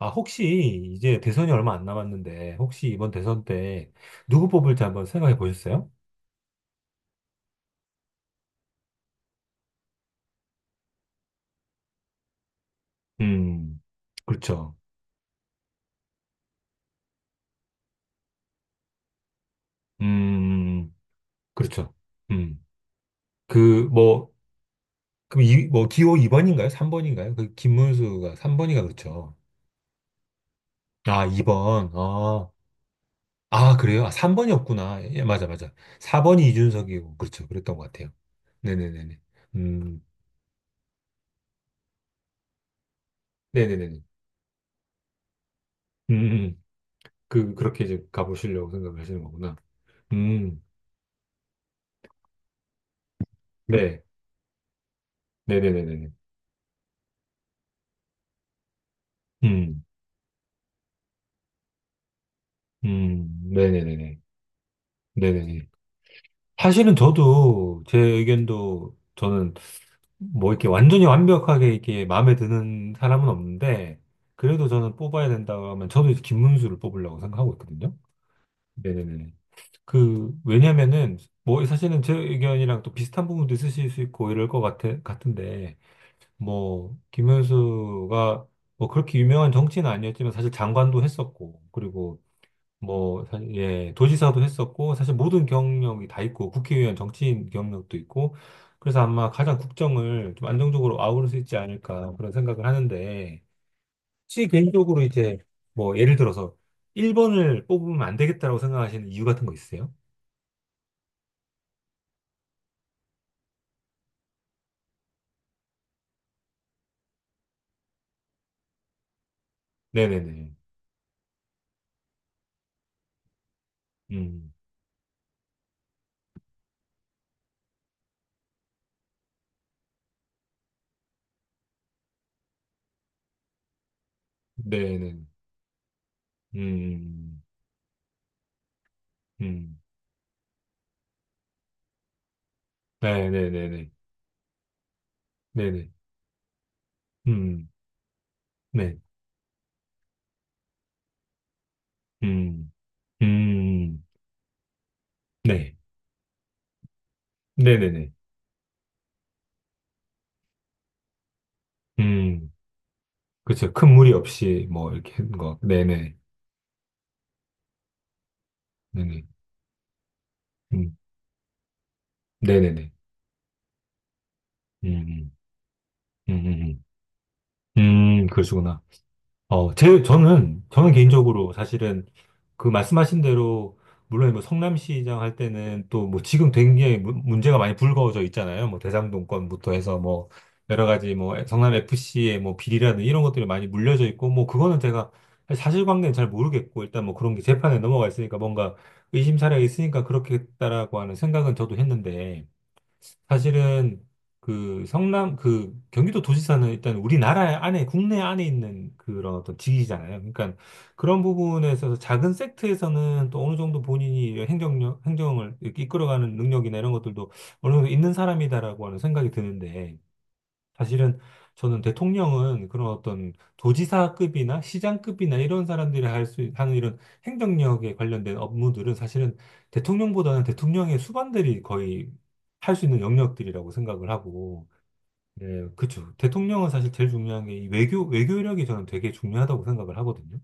아, 혹시 이제 대선이 얼마 안 남았는데, 혹시 이번 대선 때 누구 뽑을지 한번 생각해 보셨어요? 음, 그렇죠. 음, 그렇죠. 음, 그, 뭐, 그, 이, 뭐, 기호 2번인가요? 3번인가요? 그, 김문수가 3번이가 그렇죠. 아, 2번. 아, 아, 그래요? 아, 3번이었구나. 예, 맞아, 맞아. 4번이 이준석이고, 그렇죠. 그랬던 것 같아요. 네네네네. 음, 네네네네. 음. 그렇게 이제 가보시려고 생각하시는 거구나. 음, 네. 네네네네. 음, 네네네네. 네네네. 사실은 저도 제 의견도 저는 뭐 이렇게 완전히 완벽하게 이렇게 마음에 드는 사람은 없는데, 그래도 저는 뽑아야 된다고 하면 저도 이제 김문수를 뽑으려고 생각하고 있거든요. 네네네. 그, 왜냐면은, 뭐 사실은 제 의견이랑 또 비슷한 부분도 있으실 수 있고 이럴 것 같은데, 뭐, 김문수가 뭐 그렇게 유명한 정치는 아니었지만 사실 장관도 했었고, 그리고 뭐, 예, 도지사도 했었고, 사실 모든 경력이 다 있고, 국회의원 정치인 경력도 있고, 그래서 아마 가장 국정을 좀 안정적으로 아우를 수 있지 않을까 그런 생각을 하는데, 혹시 개인적으로 이제 뭐 예를 들어서 1번을 뽑으면 안 되겠다라고 생각하시는 이유 같은 거 있으세요? 네네네. 음, 네네. 음, 음, 음. 네네네네. 네네. 음, 네. 음, 음, 네. 네네네. 음. 그렇죠. 큰 무리 없이 뭐 이렇게 한 거. 네네. 네네. 음. 네네네. 음. 음. 음. 음. 음. 그러시구나. 저는 개인적으로 사실은 그 말씀하신 대로, 물론 뭐 성남시장 할 때는 또 뭐 지금 굉장히 문제가 많이 불거져 있잖아요. 뭐 대장동권부터 해서 뭐 여러 가지 뭐 성남FC의 뭐 비리라는 이런 것들이 많이 물려져 있고 뭐 그거는 제가 사실관계는 잘 모르겠고 일단 뭐 그런 게 재판에 넘어가 있으니까 뭔가 의심사례가 있으니까 그렇겠다라고 하는 생각은 저도 했는데 사실은 그 성남 그 경기도 도지사는 일단 우리나라 안에 국내 안에 있는 그런 어떤 직위잖아요. 그러니까 그런 부분에 있어서 작은 섹트에서는 또 어느 정도 본인이 행정력 행정을 이렇게 이끌어가는 능력이나 이런 것들도 어느 정도 있는 사람이다라고 하는 생각이 드는데 사실은 저는 대통령은 그런 어떤 도지사급이나 시장급이나 이런 사람들이 하는 이런 행정력에 관련된 업무들은 사실은 대통령보다는 대통령의 수반들이 거의 할 수 있는 영역들이라고 생각을 하고, 예, 그쵸. 대통령은 사실 제일 중요한 게 이 외교력이 저는 되게 중요하다고 생각을 하거든요.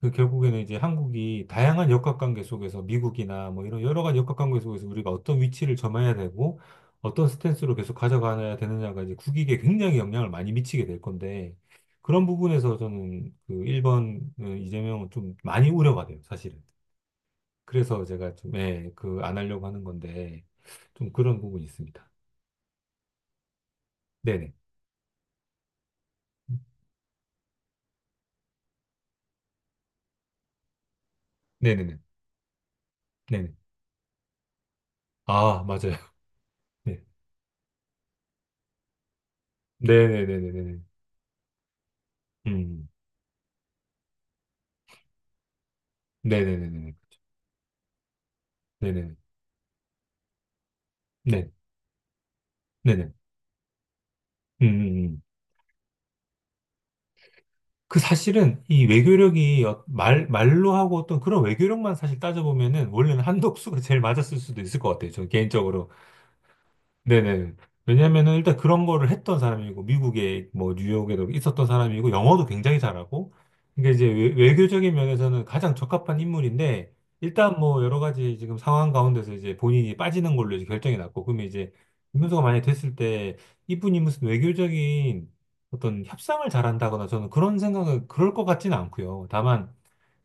그 결국에는 이제 한국이 다양한 역학관계 속에서 미국이나 뭐 이런 여러 가지 역학관계 속에서 우리가 어떤 위치를 점해야 되고 어떤 스탠스로 계속 가져가야 되느냐가 이제 국익에 굉장히 영향을 많이 미치게 될 건데 그런 부분에서 저는 그 1번 이재명은 좀 많이 우려가 돼요, 사실은. 그래서 제가 좀, 예, 그 안 하려고 하는 건데 좀 그런 부분이 있습니다. 네네. 네네네. 네네. 아, 맞아요. 네. 네네네네네. 음. 네네네네. 네네. 네. 네네. 음, 음, 음. 그 사실은 이 외교력이 말로 하고 어떤 그런 외교력만 사실 따져보면은 원래는 한덕수가 제일 맞았을 수도 있을 것 같아요. 저 개인적으로. 네네. 왜냐면은 일단 그런 거를 했던 사람이고, 미국에 뭐 뉴욕에도 있었던 사람이고, 영어도 굉장히 잘하고, 그러니까 이제 외교적인 면에서는 가장 적합한 인물인데, 일단 뭐 여러 가지 지금 상황 가운데서 이제 본인이 빠지는 걸로 이제 결정이 났고, 그러면 이제 김문수가 만약에 됐을 때, 이분이 무슨 외교적인 어떤 협상을 잘한다거나 저는 그런 생각은 그럴 것 같지는 않고요. 다만,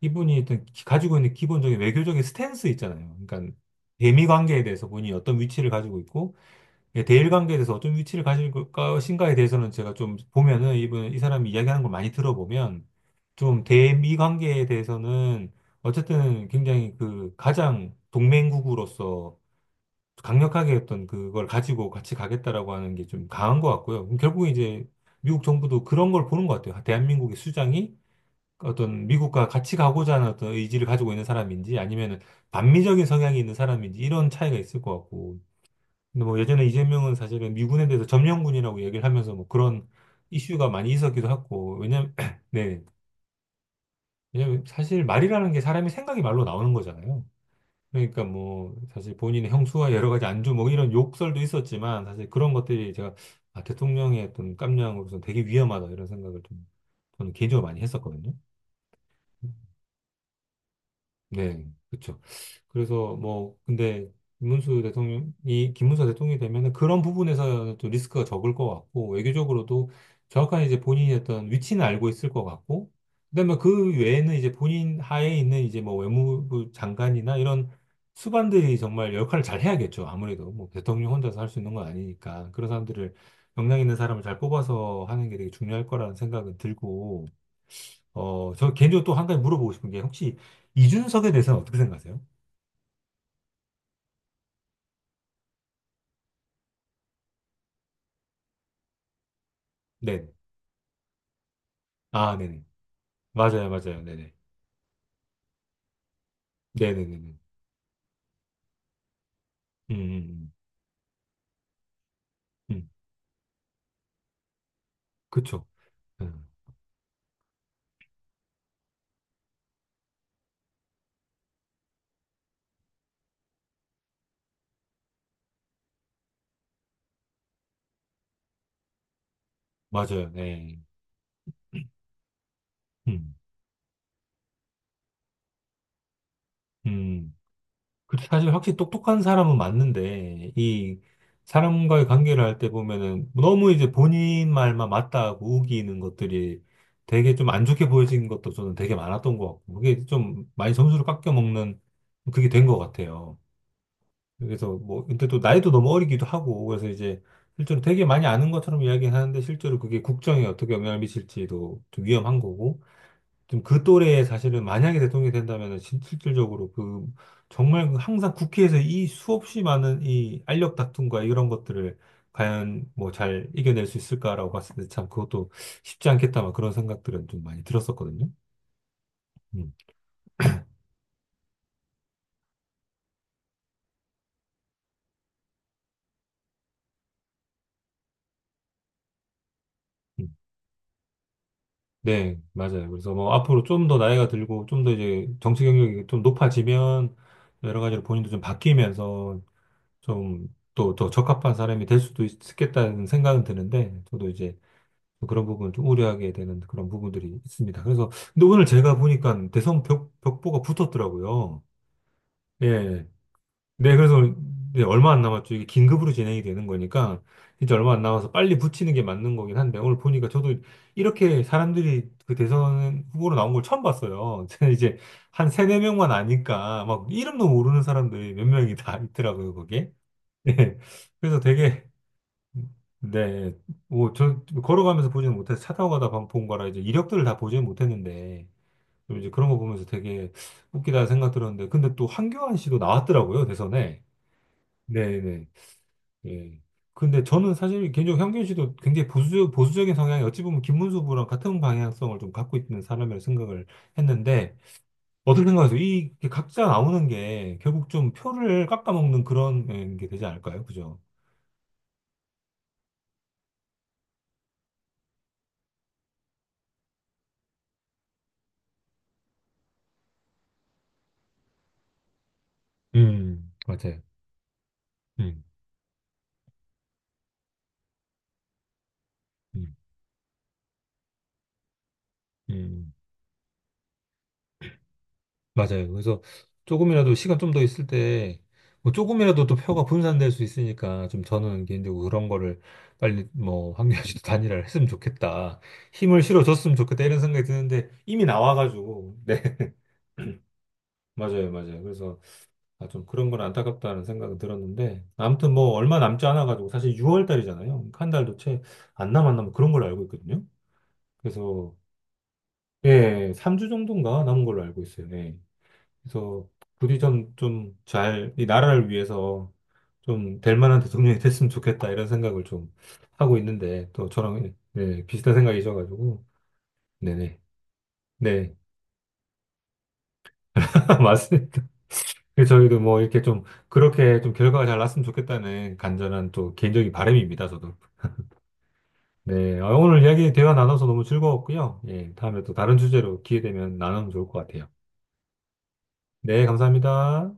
이분이 일단 가지고 있는 기본적인 외교적인 스탠스 있잖아요. 그러니까 대미 관계에 대해서 본인이 어떤 위치를 가지고 있고, 예, 대일 관계에 대해서 어떤 위치를 가질 것인가에 대해서는 제가 좀 보면은 이분 이 사람이 이야기하는 걸 많이 들어보면 좀 대미 관계에 대해서는 어쨌든 굉장히 그 가장 동맹국으로서 강력하게 어떤 그걸 가지고 같이 가겠다라고 하는 게 좀 강한 것 같고요. 그럼 결국에 이제 미국 정부도 그런 걸 보는 것 같아요. 아, 대한민국의 수장이 어떤 미국과 같이 가고자 하는 어떤 의지를 가지고 있는 사람인지 아니면 반미적인 성향이 있는 사람인지 이런 차이가 있을 것 같고 근데 뭐 예전에 이재명은 사실은 미군에 대해서 점령군이라고 얘기를 하면서 뭐 그런 이슈가 많이 있었기도 하고, 왜냐면, 네. 왜냐면 사실 말이라는 게 사람이 생각이 말로 나오는 거잖아요. 그러니까 뭐 사실 본인의 형수와 여러 가지 안주 뭐 이런 욕설도 있었지만 사실 그런 것들이 제가 아, 대통령의 어떤 깜냥으로서 되게 위험하다 이런 생각을 좀 저는 개인적으로 많이 했었거든요. 네, 그렇죠. 그래서 뭐 근데 김문수 대통령이 되면은 그런 부분에서 또 리스크가 적을 것 같고 외교적으로도 정확한 이제 본인이 어떤 위치는 알고 있을 것 같고 그다음에 그 외에는 이제 본인 하에 있는 이제 뭐 외무부 장관이나 이런 수반들이 정말 역할을 잘 해야겠죠. 아무래도 뭐 대통령 혼자서 할 수 있는 건 아니니까 그런 사람들을 역량 있는 사람을 잘 뽑아서 하는 게 되게 중요할 거라는 생각은 들고 어, 저 개인적으로 또 한 가지 물어보고 싶은 게 혹시 이준석에 대해서는 어떻게 생각하세요? 네. 아, 네네. 맞아요, 맞아요. 네네. 네네네네. 음, 음, 음. 그쵸. 음, 맞아요. 네. 음, 음. 그 사실 확실히 똑똑한 사람은 맞는데, 이 사람과의 관계를 할 때 보면은 너무 이제 본인 말만 맞다고 우기는 것들이 되게 좀 안 좋게 보여진 것도 저는 되게 많았던 것 같고, 그게 좀 많이 점수를 깎여 먹는 그게 된 것 같아요. 그래서 뭐, 근데 또 나이도 너무 어리기도 하고, 그래서 이제 실제로 되게 많이 아는 것처럼 이야기하는데 실제로 그게 국정에 어떻게 영향을 미칠지도 좀 위험한 거고, 좀 그 또래에 사실은 만약에 대통령이 된다면은 실질적으로 그 정말 그 항상 국회에서 이 수없이 많은 이 알력 다툼과 이런 것들을 과연 뭐 잘 이겨낼 수 있을까라고 봤을 때 참 그것도 쉽지 않겠다 막 그런 생각들은 좀 많이 들었었거든요. 음. 음. 네, 맞아요. 그래서 뭐 앞으로 좀 더 나이가 들고 좀 더 이제 정치 경력이 좀 높아지면 여러 가지로 본인도 좀 바뀌면서 좀 또 더 적합한 사람이 될 수도 있겠다는 생각은 드는데 저도 이제 그런 부분 좀 우려하게 되는 그런 부분들이 있습니다. 그래서 근데 오늘 제가 보니까 대선 벽보가 붙었더라고요. 예. 네, 그래서 이제 얼마 안 남았죠. 이게 긴급으로 진행이 되는 거니까 진짜 얼마 안 남아서 빨리 붙이는 게 맞는 거긴 한데 오늘 보니까 저도 이렇게 사람들이 그 대선 후보로 나온 걸 처음 봤어요. 저는 이제 한 세네 명만 아니까 막 이름도 모르는 사람들이 몇 명이 다 있더라고요, 거기에. 네. 그래서 되게 네, 뭐 저 걸어가면서 보지는 못해서 차 타고 가다 본 거라 이제 이력들을 다 보지는 못했는데 좀 이제 그런 거 보면서 되게 웃기다 생각 들었는데 근데 또 한교안 씨도 나왔더라고요, 대선에. 네네. 예. 근데 저는 사실 개인적으로 현균 씨도 굉장히 보수, 보수적인 성향이 어찌 보면 김문수 부랑 같은 방향성을 좀 갖고 있는 사람이라고 생각을 했는데, 어떻게 생각세요 이 각자 나오는 게 결국 좀 표를 깎아먹는 그런 예, 게 되지 않을까요? 그죠? 맞아요. 음, 음, 음. 맞아요. 그래서 조금이라도 시간 좀 더 있을 때, 뭐 조금이라도 또 표가 분산될 수 있으니까 좀 저는 개인적으로 그런 거를 빨리 뭐 황교안 씨도 단일화를 했으면 좋겠다. 힘을 실어줬으면 좋겠다. 이런 생각이 드는데 이미 나와가지고. 네. 맞아요. 맞아요. 그래서 아, 좀 그런 건 안타깝다는 생각은 들었는데 아무튼 뭐 얼마 남지 않아가지고 사실 6월 달이잖아요. 그러니까 한 달도 채 안 남았나 뭐 그런 걸로 알고 있거든요. 그래서 예, 3주 정도인가 남은 걸로 알고 있어요. 네. 그래서 부디 좀, 좀 잘, 이 나라를 위해서 좀 될 만한 대통령이 됐으면 좋겠다, 이런 생각을 좀 하고 있는데, 또 저랑, 네, 비슷한 생각이셔가지고, 네네. 네, 맞습니다. 그래서 저희도 뭐 이렇게 좀, 그렇게 좀 결과가 잘 났으면 좋겠다는 간절한 또 개인적인 바람입니다, 저도. 네, 아, 오늘 이야기 대화 나눠서 너무 즐거웠고요. 예, 다음에 또 다른 주제로 기회 되면 나누면 좋을 것 같아요. 네, 감사합니다.